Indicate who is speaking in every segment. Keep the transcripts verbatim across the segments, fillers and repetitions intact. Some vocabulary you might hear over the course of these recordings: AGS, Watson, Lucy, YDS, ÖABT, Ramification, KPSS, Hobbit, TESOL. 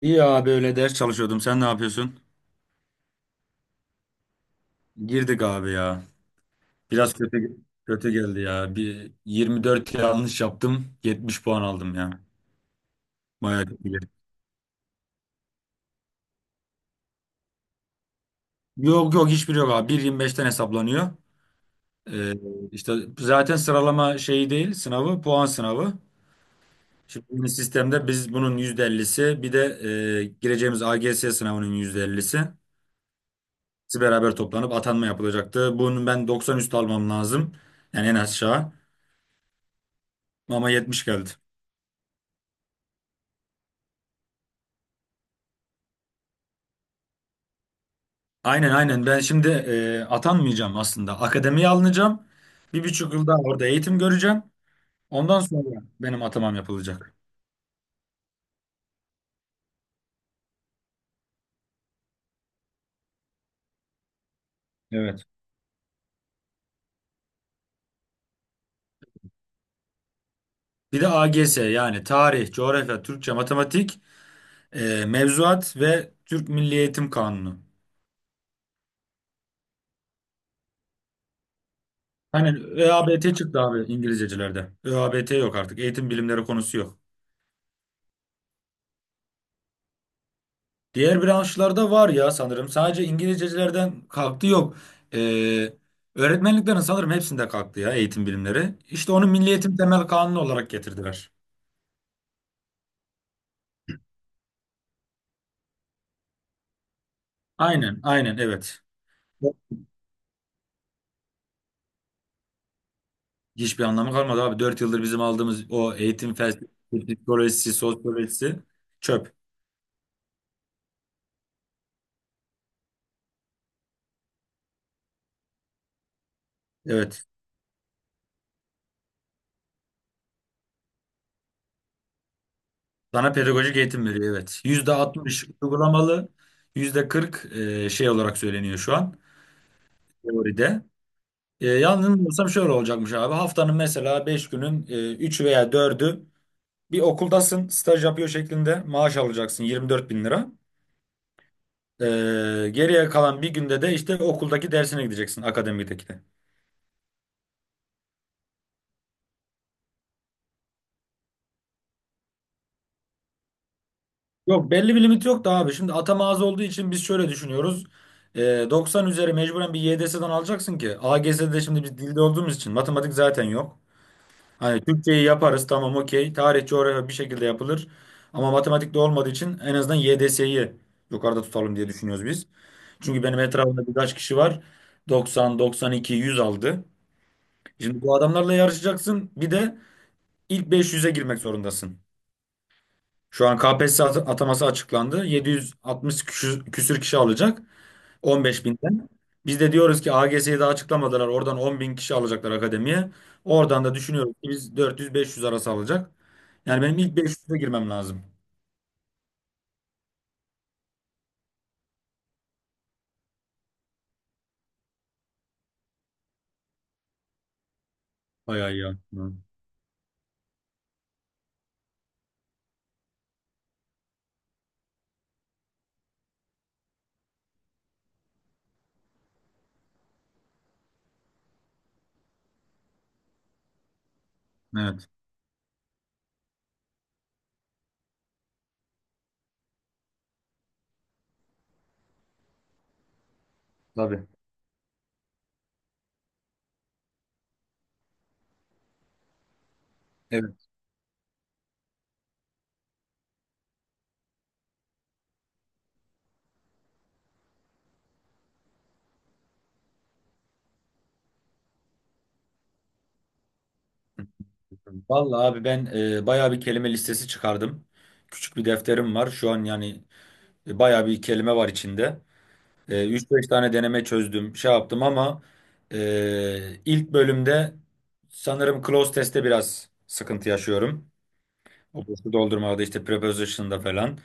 Speaker 1: İyi abi öyle ders çalışıyordum. Sen ne yapıyorsun? Girdik abi ya. Biraz kötü kötü geldi ya. Bir yirmi dört yanlış yaptım. yetmiş puan aldım ya. Bayağı kötü. Yok yok hiçbir yok abi. bir virgül yirmi beşten hesaplanıyor. Ee, işte zaten sıralama şeyi değil sınavı puan sınavı. Şimdi bu sistemde biz bunun yüzde ellisi bir de e, gireceğimiz A G S sınavının yüzde ellisi. Hepsi beraber toplanıp atanma yapılacaktı. Bunun ben doksan üstü almam lazım. Yani en aşağı. Ama yetmiş geldi. Aynen aynen ben şimdi e, atanmayacağım aslında. Akademiye alınacağım. Bir buçuk yıl daha orada eğitim göreceğim. Ondan sonra benim atamam yapılacak. Evet. Bir de A G S yani tarih, coğrafya, Türkçe, matematik, e, mevzuat ve Türk Milli Eğitim Kanunu. Hani ÖABT çıktı abi İngilizcecilerde. ÖABT yok artık. Eğitim bilimleri konusu yok. Diğer branşlarda var ya sanırım. Sadece İngilizcecilerden kalktı yok. Ee, öğretmenliklerin sanırım hepsinde kalktı ya eğitim bilimleri. İşte onu Milli Eğitim Temel Kanunu olarak getirdiler. Aynen, aynen evet. Hiçbir anlamı kalmadı abi. Dört yıldır bizim aldığımız o eğitim felsefesi, psikolojisi, sosyolojisi çöp. Evet. Sana pedagojik eğitim veriyor evet. Yüzde altmış uygulamalı, yüzde kırk e, şey olarak söyleniyor şu an teoride. E, yanılmıyorsam şöyle olacakmış abi. Haftanın mesela beş günün üç veya dördü bir okuldasın, staj yapıyor şeklinde maaş alacaksın yirmi dört bin lira. E, geriye kalan bir günde de işte okuldaki dersine gideceksin, akademideki de. Yok belli bir limit yok da abi. Şimdi atama az olduğu için biz şöyle düşünüyoruz. E, doksan üzeri mecburen bir Y D S'den alacaksın ki. A G S'de şimdi biz dilde olduğumuz için matematik zaten yok. Hani Türkçeyi yaparız tamam okey. Tarih, coğrafya bir şekilde yapılır. Ama matematikte olmadığı için en azından Y D S'yi yukarıda tutalım diye düşünüyoruz biz. Çünkü benim etrafımda birkaç kişi var. doksan, doksan iki, yüz aldı. Şimdi bu adamlarla yarışacaksın. Bir de ilk beş yüze girmek zorundasın. Şu an K P S S at- ataması açıklandı. yedi yüz altmış küsür, küsür kişi alacak. on beş binden. Biz de diyoruz ki A G S'yi daha açıklamadılar. Oradan on bin kişi alacaklar akademiye. Oradan da düşünüyoruz ki biz dört yüz beş yüz arası alacak. Yani benim ilk beş yüze girmem lazım. Bayağı iyi aslında. Evet. Tabii. Evet. Vallahi abi ben e, bayağı bir kelime listesi çıkardım. Küçük bir defterim var. Şu an yani e, bayağı bir kelime var içinde. E, üç beş tane deneme çözdüm. Şey yaptım ama e, ilk bölümde sanırım close test'te biraz sıkıntı yaşıyorum. Boşu doldurmada işte preposition'da falan.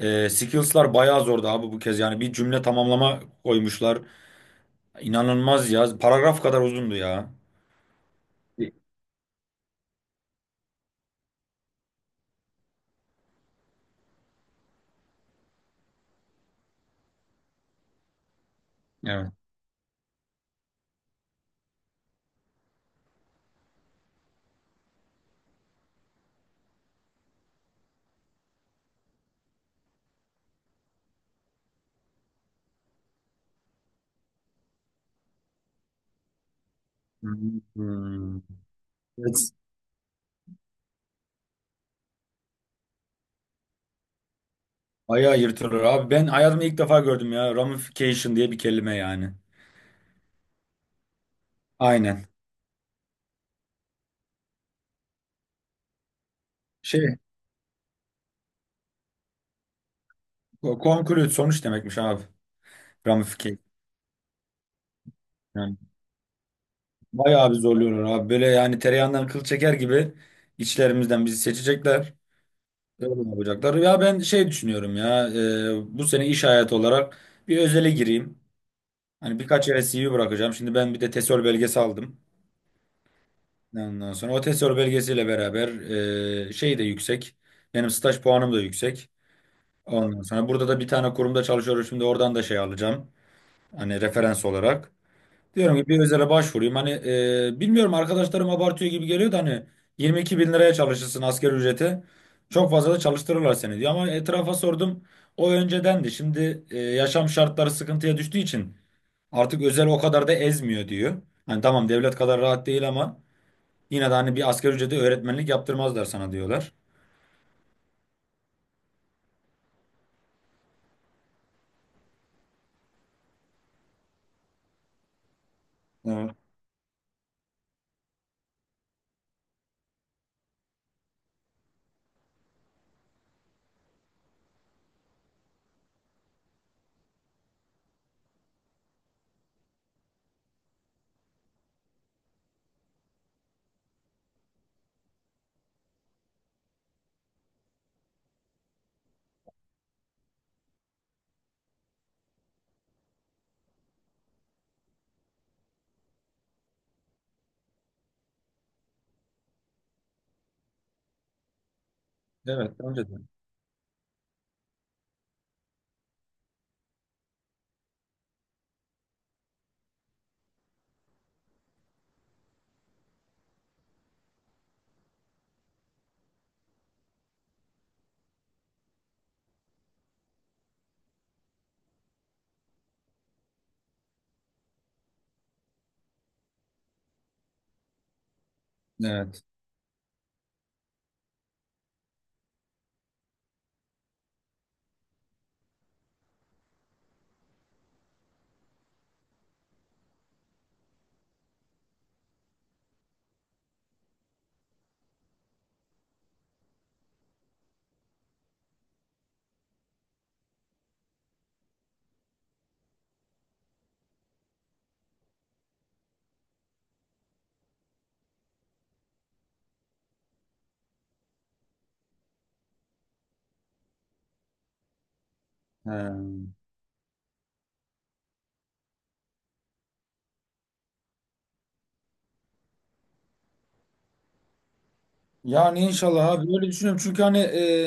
Speaker 1: Ee, skills'lar bayağı zordu abi bu kez. Yani bir cümle tamamlama koymuşlar. İnanılmaz ya. Paragraf kadar uzundu ya. Evet. Hmm. Evet. Bayağı yırtılır abi. Ben hayatımda ilk defa gördüm ya. Ramification diye bir kelime yani. Aynen. Şey, co- conclude sonuç demekmiş abi. Ramification. Yani bayağı bir zorluyorlar abi. Böyle yani tereyağından kıl çeker gibi içlerimizden bizi seçecekler. Öyle yapacaklar. Ya ben şey düşünüyorum ya e, bu sene iş hayatı olarak bir özele gireyim. Hani birkaç yere C V bırakacağım. Şimdi ben bir de TESOL belgesi aldım. Ondan sonra o TESOL belgesiyle beraber e, şey de yüksek. Benim staj puanım da yüksek. Ondan sonra burada da bir tane kurumda çalışıyorum. Şimdi oradan da şey alacağım. Hani referans olarak. Diyorum ki bir özele başvurayım. Hani e, bilmiyorum arkadaşlarım abartıyor gibi geliyor da hani yirmi iki bin liraya çalışırsın asgari ücreti. Çok fazla da çalıştırırlar seni diyor. Ama etrafa sordum. O öncedendi. Şimdi e, yaşam şartları sıkıntıya düştüğü için artık özel o kadar da ezmiyor diyor. Hani tamam devlet kadar rahat değil ama yine de hani bir asgari ücrete öğretmenlik yaptırmazlar sana diyorlar. Evet. Evet, önceden. Evet. He. Yani inşallah abi öyle düşünüyorum. Çünkü hani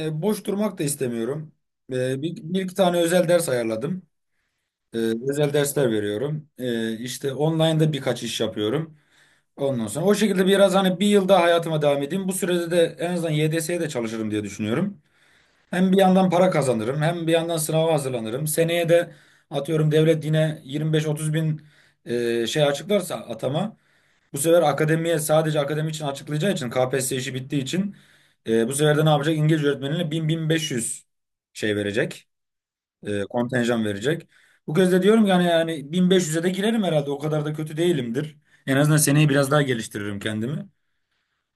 Speaker 1: e, boş durmak da istemiyorum. E, bir, bir iki tane özel ders ayarladım. E, özel dersler veriyorum. E, işte online'da birkaç iş yapıyorum. Ondan sonra o şekilde biraz hani bir yıl daha hayatıma devam edeyim. Bu sürede de en azından Y D S'ye de çalışırım diye düşünüyorum. Hem bir yandan para kazanırım hem bir yandan sınava hazırlanırım. Seneye de atıyorum devlet yine yirmi beş otuz bin bin e, şey açıklarsa atama. Bu sefer akademiye sadece akademi için açıklayacağı için K P S S işi bittiği için e, bu sefer de ne yapacak? İngilizce öğretmenine bin-bin beş yüz şey verecek. E, kontenjan verecek. Bu kez de diyorum ki hani yani bin beş yüze de girerim herhalde. O kadar da kötü değilimdir. En azından seneyi biraz daha geliştiririm kendimi.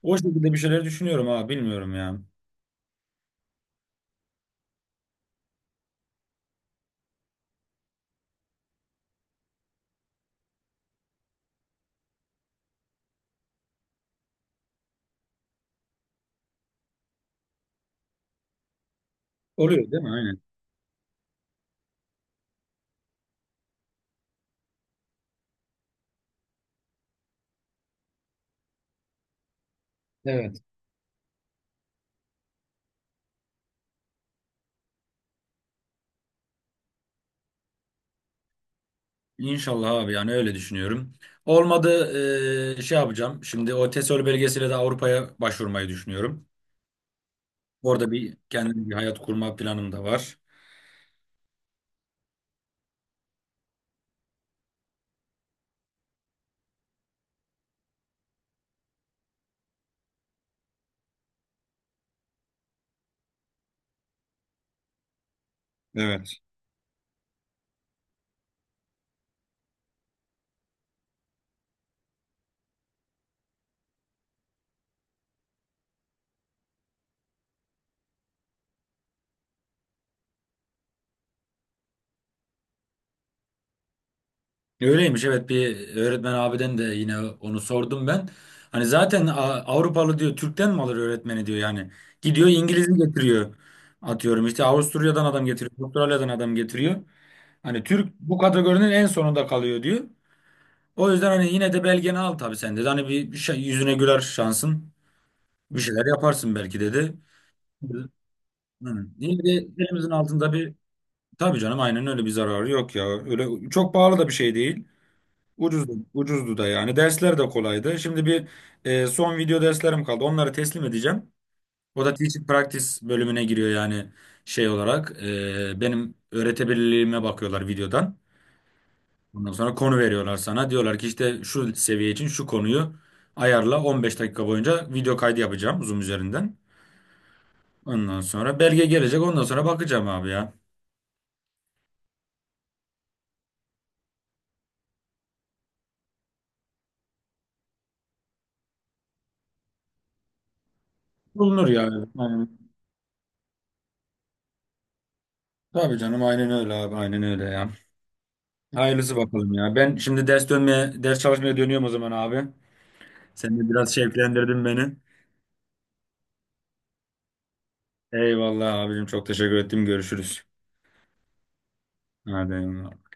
Speaker 1: O şekilde bir şeyler düşünüyorum abi bilmiyorum ya. Oluyor değil mi? Aynen. Evet. İnşallah abi yani öyle düşünüyorum. Olmadı e, şey yapacağım. Şimdi o TESOL belgesiyle de Avrupa'ya başvurmayı düşünüyorum. Orada bir kendim bir hayat kurma planım da var. Evet. Öyleymiş evet bir öğretmen abiden de yine onu sordum ben. Hani zaten A- Avrupalı diyor Türk'ten mi alır öğretmeni diyor yani. Gidiyor İngiliz'i getiriyor. Atıyorum işte Avusturya'dan adam getiriyor. Avustralya'dan adam getiriyor. Hani Türk bu kategorinin en sonunda kalıyor diyor. O yüzden hani yine de belgeni al tabii sen dedi. Hani bir, bir şey, yüzüne güler şansın. Bir şeyler yaparsın belki dedi. Hı. Yine de elimizin altında bir. Tabii canım aynen öyle bir zararı yok ya. Öyle çok pahalı da bir şey değil. Ucuzdu, ucuzdu da yani. Dersler de kolaydı. Şimdi bir e, son video derslerim kaldı. Onları teslim edeceğim. O da Teaching Practice bölümüne giriyor yani şey olarak. E, benim öğretebilirliğime bakıyorlar videodan. Ondan sonra konu veriyorlar sana. Diyorlar ki işte şu seviye için şu konuyu ayarla. on beş dakika boyunca video kaydı yapacağım Zoom üzerinden. Ondan sonra belge gelecek. Ondan sonra bakacağım abi ya. Bulunur ya. Tabii canım aynen öyle abi aynen öyle ya. Hayırlısı bakalım ya. Ben şimdi ders dönmeye, ders çalışmaya dönüyorum o zaman abi. Sen de biraz şevklendirdin beni. Eyvallah abicim çok teşekkür ettim. Görüşürüz. Hadi eyvallah.